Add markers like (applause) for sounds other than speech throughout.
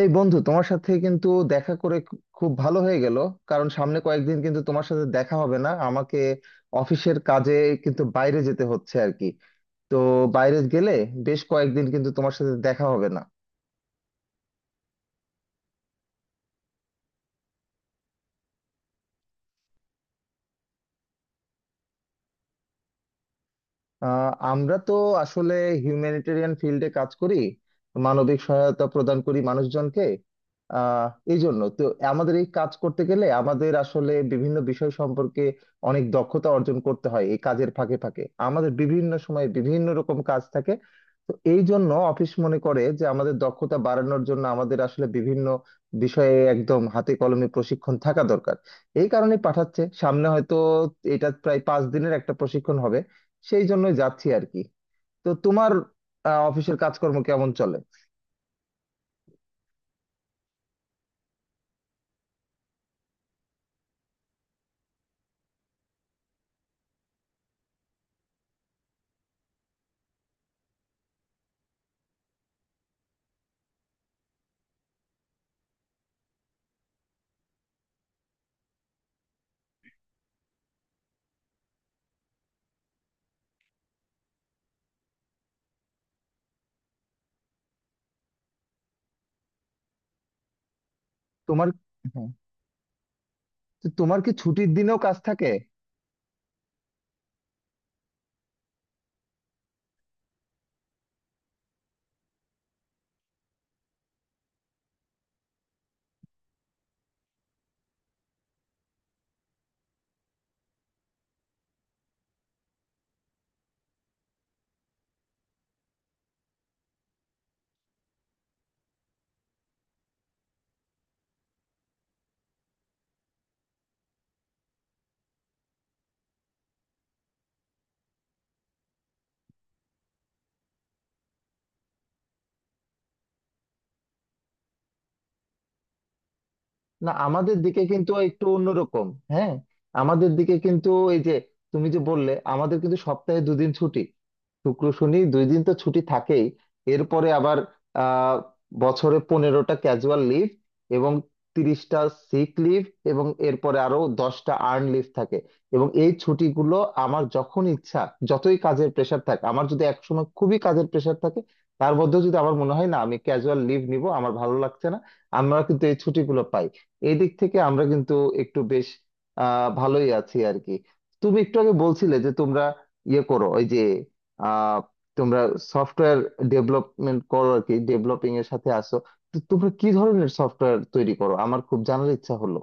এই বন্ধু তোমার সাথে কিন্তু দেখা করে খুব ভালো হয়ে গেল, কারণ সামনে কয়েকদিন কিন্তু তোমার সাথে দেখা হবে না। আমাকে অফিসের কাজে কিন্তু বাইরে যেতে হচ্ছে আর কি। তো বাইরে গেলে বেশ কয়েকদিন কিন্তু তোমার সাথে দেখা হবে না। আমরা তো আসলে হিউম্যানিটেরিয়ান ফিল্ডে কাজ করি, মানবিক সহায়তা প্রদান করি মানুষজনকে। আহ এই জন্য তো আমাদের এই কাজ করতে গেলে আমাদের আসলে বিভিন্ন বিষয় সম্পর্কে অনেক দক্ষতা অর্জন করতে হয়। এই কাজের ফাঁকে ফাঁকে আমাদের বিভিন্ন সময় বিভিন্ন রকম কাজ থাকে। তো এই জন্য অফিস মনে করে যে আমাদের দক্ষতা বাড়ানোর জন্য আমাদের আসলে বিভিন্ন বিষয়ে একদম হাতে কলমে প্রশিক্ষণ থাকা দরকার। এই কারণে পাঠাচ্ছে, সামনে হয়তো এটা প্রায় 5 দিনের একটা প্রশিক্ষণ হবে। সেই জন্যই যাচ্ছি আর কি। তো তোমার অফিসের কাজকর্ম কেমন চলে? তোমার হ্যাঁ। তো তোমার কি ছুটির দিনেও কাজ থাকে? না, আমাদের দিকে কিন্তু একটু অন্যরকম। হ্যাঁ, আমাদের দিকে কিন্তু এই যে তুমি যে বললে, আমাদের কিন্তু সপ্তাহে 2 দিন ছুটি। শুক্র শনি 2 দিন তো ছুটি থাকেই। এরপরে আবার আহ বছরে 15টা ক্যাজুয়াল লিভ এবং 30টা সিক লিভ, এবং এরপরে আরো 10টা আর্ন লিভ থাকে। এবং এই ছুটিগুলো আমার যখন ইচ্ছা, যতই কাজের প্রেশার থাকে, আমার যদি একসময় খুবই কাজের প্রেশার থাকে, তার মধ্যেও যদি আমার মনে হয় না আমি ক্যাজুয়াল লিভ নিব, আমার ভালো লাগছে না, আমরা কিন্তু এই ছুটিগুলো পাই। এদিক থেকে আমরা কিন্তু একটু বেশ ভালোই আছি আর কি। তুমি একটু আগে বলছিলে যে তোমরা ইয়ে করো, ওই যে আহ তোমরা সফটওয়্যার ডেভেলপমেন্ট করো আর কি, ডেভেলপিং এর সাথে আসো। তো তোমরা কি ধরনের সফটওয়্যার তৈরি করো আমার খুব জানার ইচ্ছা হলো।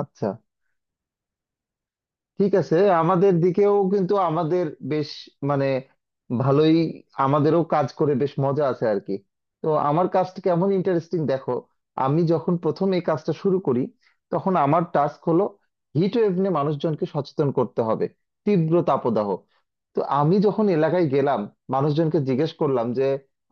আচ্ছা, ঠিক আছে। আমাদের দিকেও কিন্তু আমাদের বেশ মানে ভালোই, আমাদেরও কাজ করে বেশ মজা আছে আর কি। তো আমার কাজটা কেমন ইন্টারেস্টিং দেখো, আমি যখন প্রথম এই কাজটা শুরু করি তখন আমার টাস্ক হলো হিট ওয়েভ নিয়ে মানুষজনকে সচেতন করতে হবে, তীব্র তাপদাহ। তো আমি যখন এলাকায় গেলাম মানুষজনকে জিজ্ঞেস করলাম যে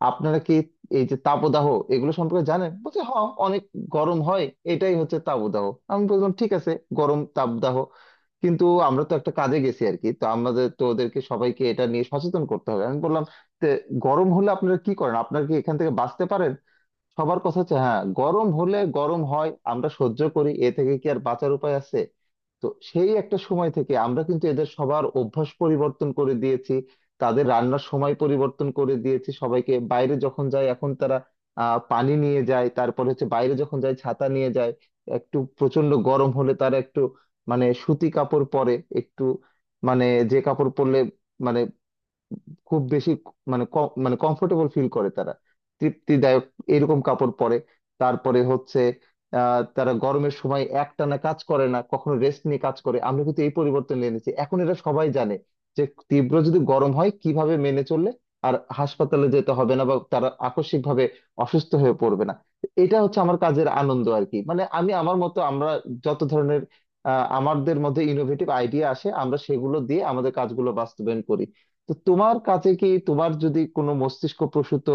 আপনারা কি এই যে তাপদাহ এগুলো সম্পর্কে জানেন, বলছে হ্যাঁ অনেক গরম হয়, এটাই হচ্ছে তাপদাহ। আমি বললাম ঠিক আছে, গরম তাপদাহ, কিন্তু আমরা তো একটা কাজে গেছি আর কি, তো আমাদের তো ওদেরকে সবাইকে এটা নিয়ে সচেতন করতে হবে। আমি বললাম "তে গরম হলে আপনারা কি করেন, আপনারা কি এখান থেকে বাঁচতে পারেন? সবার কথা হচ্ছে হ্যাঁ গরম হলে গরম হয়, আমরা সহ্য করি, এ থেকে কি আর বাঁচার উপায় আছে? তো সেই একটা সময় থেকে আমরা কিন্তু এদের সবার অভ্যাস পরিবর্তন করে দিয়েছি, তাদের রান্নার সময় পরিবর্তন করে দিয়েছি, সবাইকে বাইরে যখন যায় এখন তারা পানি নিয়ে যায়, তারপরে হচ্ছে বাইরে যখন যায় ছাতা নিয়ে যায়। একটু প্রচন্ড গরম হলে তারা একটু মানে সুতি কাপড় পরে, একটু মানে যে কাপড় পরলে মানে খুব বেশি মানে কম মানে কমফোর্টেবল ফিল করে তারা, তৃপ্তিদায়ক এরকম কাপড় পরে। তারপরে হচ্ছে তারা গরমের সময় একটানা কাজ করে না, কখনো রেস্ট নিয়ে কাজ করে। আমরা কিন্তু এই পরিবর্তন এনেছি, এখন এটা সবাই জানে যে তীব্র যদি গরম হয় কিভাবে মেনে চললে আর হাসপাতালে যেতে হবে না বা তারা আকস্মিকভাবে অসুস্থ হয়ে পড়বে না। এটা হচ্ছে আমার কাজের আনন্দ আর কি। মানে আমি আমার মতো, আমরা যত ধরনের আমাদের মধ্যে ইনোভেটিভ আইডিয়া আসে আমরা সেগুলো দিয়ে আমাদের কাজগুলো বাস্তবায়ন করি। তো তোমার কাছে কি, তোমার যদি কোনো মস্তিষ্ক প্রসূত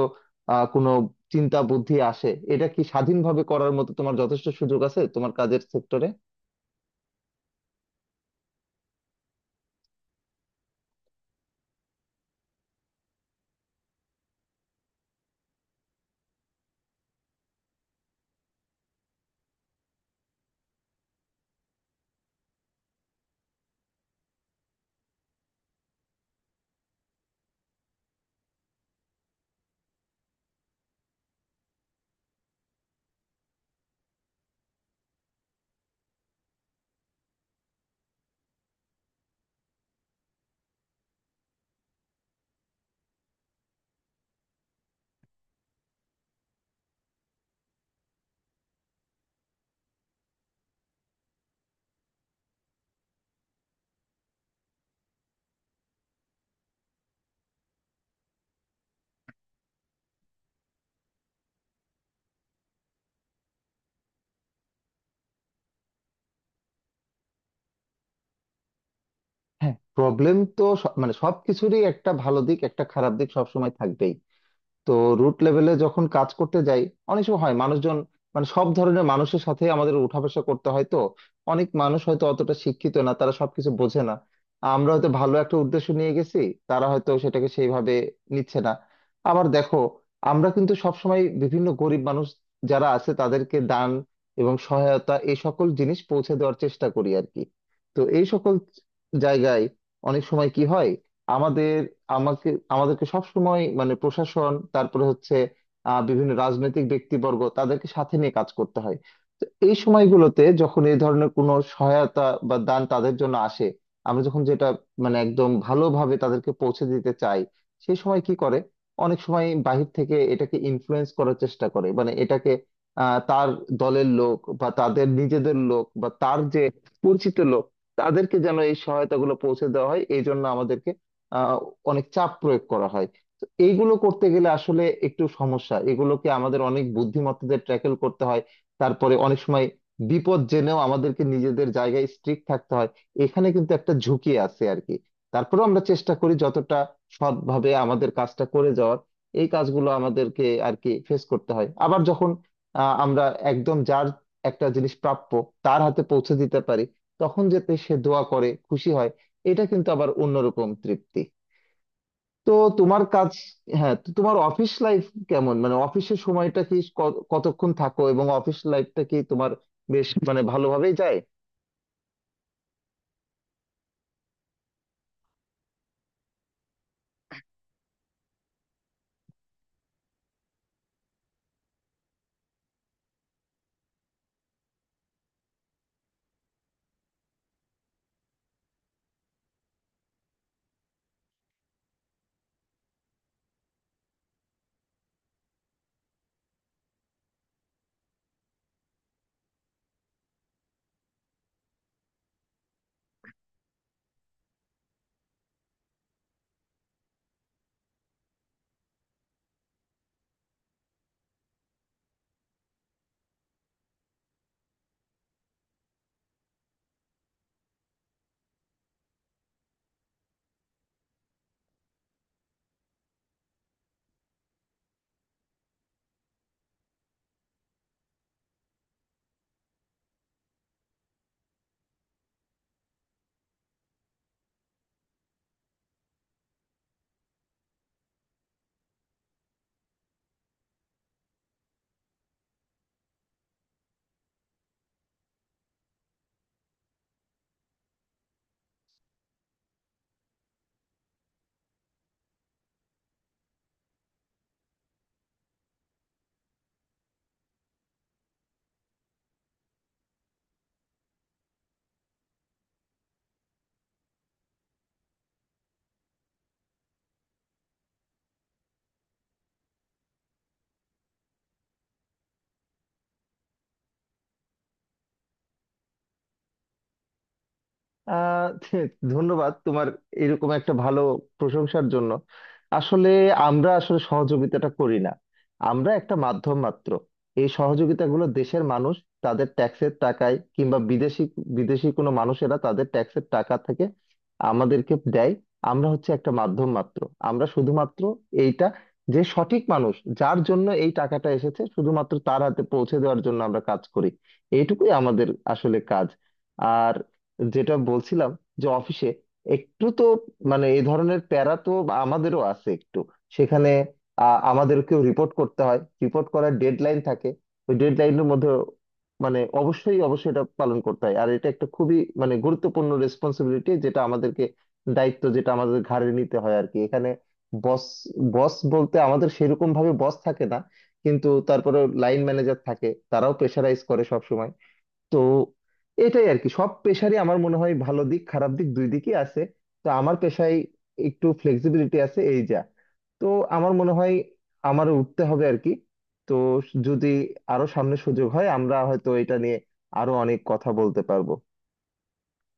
কোনো চিন্তা বুদ্ধি আসে, এটা কি স্বাধীনভাবে করার মতো তোমার যথেষ্ট সুযোগ আছে তোমার কাজের সেক্টরে? হ্যাঁ প্রবলেম তো মানে সবকিছুরই একটা ভালো দিক একটা খারাপ দিক সবসময় থাকবেই। তো রুট লেভেলে যখন কাজ করতে যাই অনেক সময় হয় মানুষজন, মানে সব ধরনের মানুষের সাথে আমাদের উঠাবসা করতে হয়, তো অনেক মানুষ হয়তো অতটা শিক্ষিত না, তারা সবকিছু বোঝে না। আমরা হয়তো ভালো একটা উদ্দেশ্য নিয়ে গেছি, তারা হয়তো সেটাকে সেইভাবে নিচ্ছে না। আবার দেখো, আমরা কিন্তু সবসময় বিভিন্ন গরিব মানুষ যারা আছে তাদেরকে দান এবং সহায়তা এই সকল জিনিস পৌঁছে দেওয়ার চেষ্টা করি আর কি। তো এই সকল জায়গায় অনেক সময় কি হয়, আমাদের, আমাকে, আমাদেরকে সবসময় মানে প্রশাসন, তারপরে হচ্ছে বিভিন্ন রাজনৈতিক ব্যক্তিবর্গ, তাদেরকে সাথে নিয়ে কাজ করতে হয়। তো এই সময়গুলোতে যখন এই ধরনের কোনো সহায়তা বা দান তাদের জন্য আসে, আমরা যখন যেটা মানে একদম ভালোভাবে তাদেরকে পৌঁছে দিতে চাই, সেই সময় কি করে অনেক সময় বাহির থেকে এটাকে ইনফ্লুয়েন্স করার চেষ্টা করে, মানে এটাকে তার দলের লোক বা তাদের নিজেদের লোক বা তার যে পরিচিত লোক, তাদেরকে যেন এই সহায়তাগুলো পৌঁছে দেওয়া হয় এই জন্য আমাদেরকে আহ, অনেক চাপ প্রয়োগ করা হয়। তো এইগুলো করতে গেলে আসলে একটু সমস্যা, এগুলোকে আমাদের অনেক বুদ্ধিমত্তাদের ট্যাকেল করতে হয়। তারপরে অনেক সময় বিপদ জেনেও আমাদেরকে নিজেদের জায়গায় স্ট্রিক্ট থাকতে হয়, এখানে কিন্তু একটা ঝুঁকি আছে আর কি। তারপরেও আমরা চেষ্টা করি যতটা সৎভাবে আমাদের কাজটা করে যাওয়ার। এই কাজগুলো আমাদেরকে আর কি ফেস করতে হয়। আবার যখন আমরা একদম যার একটা জিনিস প্রাপ্য তার হাতে পৌঁছে দিতে পারি, তখন যাতে সে দোয়া করে খুশি হয়, এটা কিন্তু আবার অন্যরকম তৃপ্তি। তো তোমার কাজ। হ্যাঁ, তো তোমার অফিস লাইফ কেমন, মানে অফিসের সময়টা কি কতক্ষণ থাকো এবং অফিস লাইফটা কি তোমার বেশ মানে ভালোভাবেই যায়? আহ (laughs) ধন্যবাদ তোমার এরকম একটা ভালো প্রশংসার জন্য। আসলে আমরা আসলে সহযোগিতাটা করি না, আমরা একটা মাধ্যম মাত্র। এই সহযোগিতাগুলো দেশের মানুষ তাদের ট্যাক্সের টাকায় কিংবা বিদেশি বিদেশি কোনো মানুষেরা তাদের ট্যাক্সের টাকা থেকে আমাদেরকে দেয়। আমরা হচ্ছে একটা মাধ্যম মাত্র। আমরা শুধুমাত্র এইটা, যে সঠিক মানুষ যার জন্য এই টাকাটা এসেছে শুধুমাত্র তার হাতে পৌঁছে দেওয়ার জন্য আমরা কাজ করি। এইটুকুই আমাদের আসলে কাজ। আর যেটা বলছিলাম যে অফিসে একটু তো মানে এই ধরনের প্যারা তো আমাদেরও আছে একটু। সেখানে আমাদেরকেও রিপোর্ট করতে হয়, রিপোর্ট করার ডেডলাইন থাকে। ওই ডেডলাইনের মধ্যে মানে অবশ্যই অবশ্যই এটা পালন করতে হয়। আর এটা একটা খুবই মানে গুরুত্বপূর্ণ রেসপন্সিবিলিটি, যেটা আমাদেরকে দায়িত্ব যেটা আমাদের ঘাড়ে নিতে হয় আর কি এখানে। বস, বস বলতে আমাদের সেরকম ভাবে বস থাকে না, কিন্তু তারপরে লাইন ম্যানেজার থাকে, তারাও প্রেশারাইজ করে সব। তো এটাই আর কি, সব পেশারই আমার মনে হয় ভালো দিক খারাপ দিক দুই দিকই আছে। তো আমার পেশায় একটু ফ্লেক্সিবিলিটি আছে এই যা। তো আমার মনে হয় আমারও উঠতে হবে আর কি। তো যদি আরো সামনে সুযোগ হয় আমরা হয়তো এটা নিয়ে আরো অনেক কথা বলতে পারবো।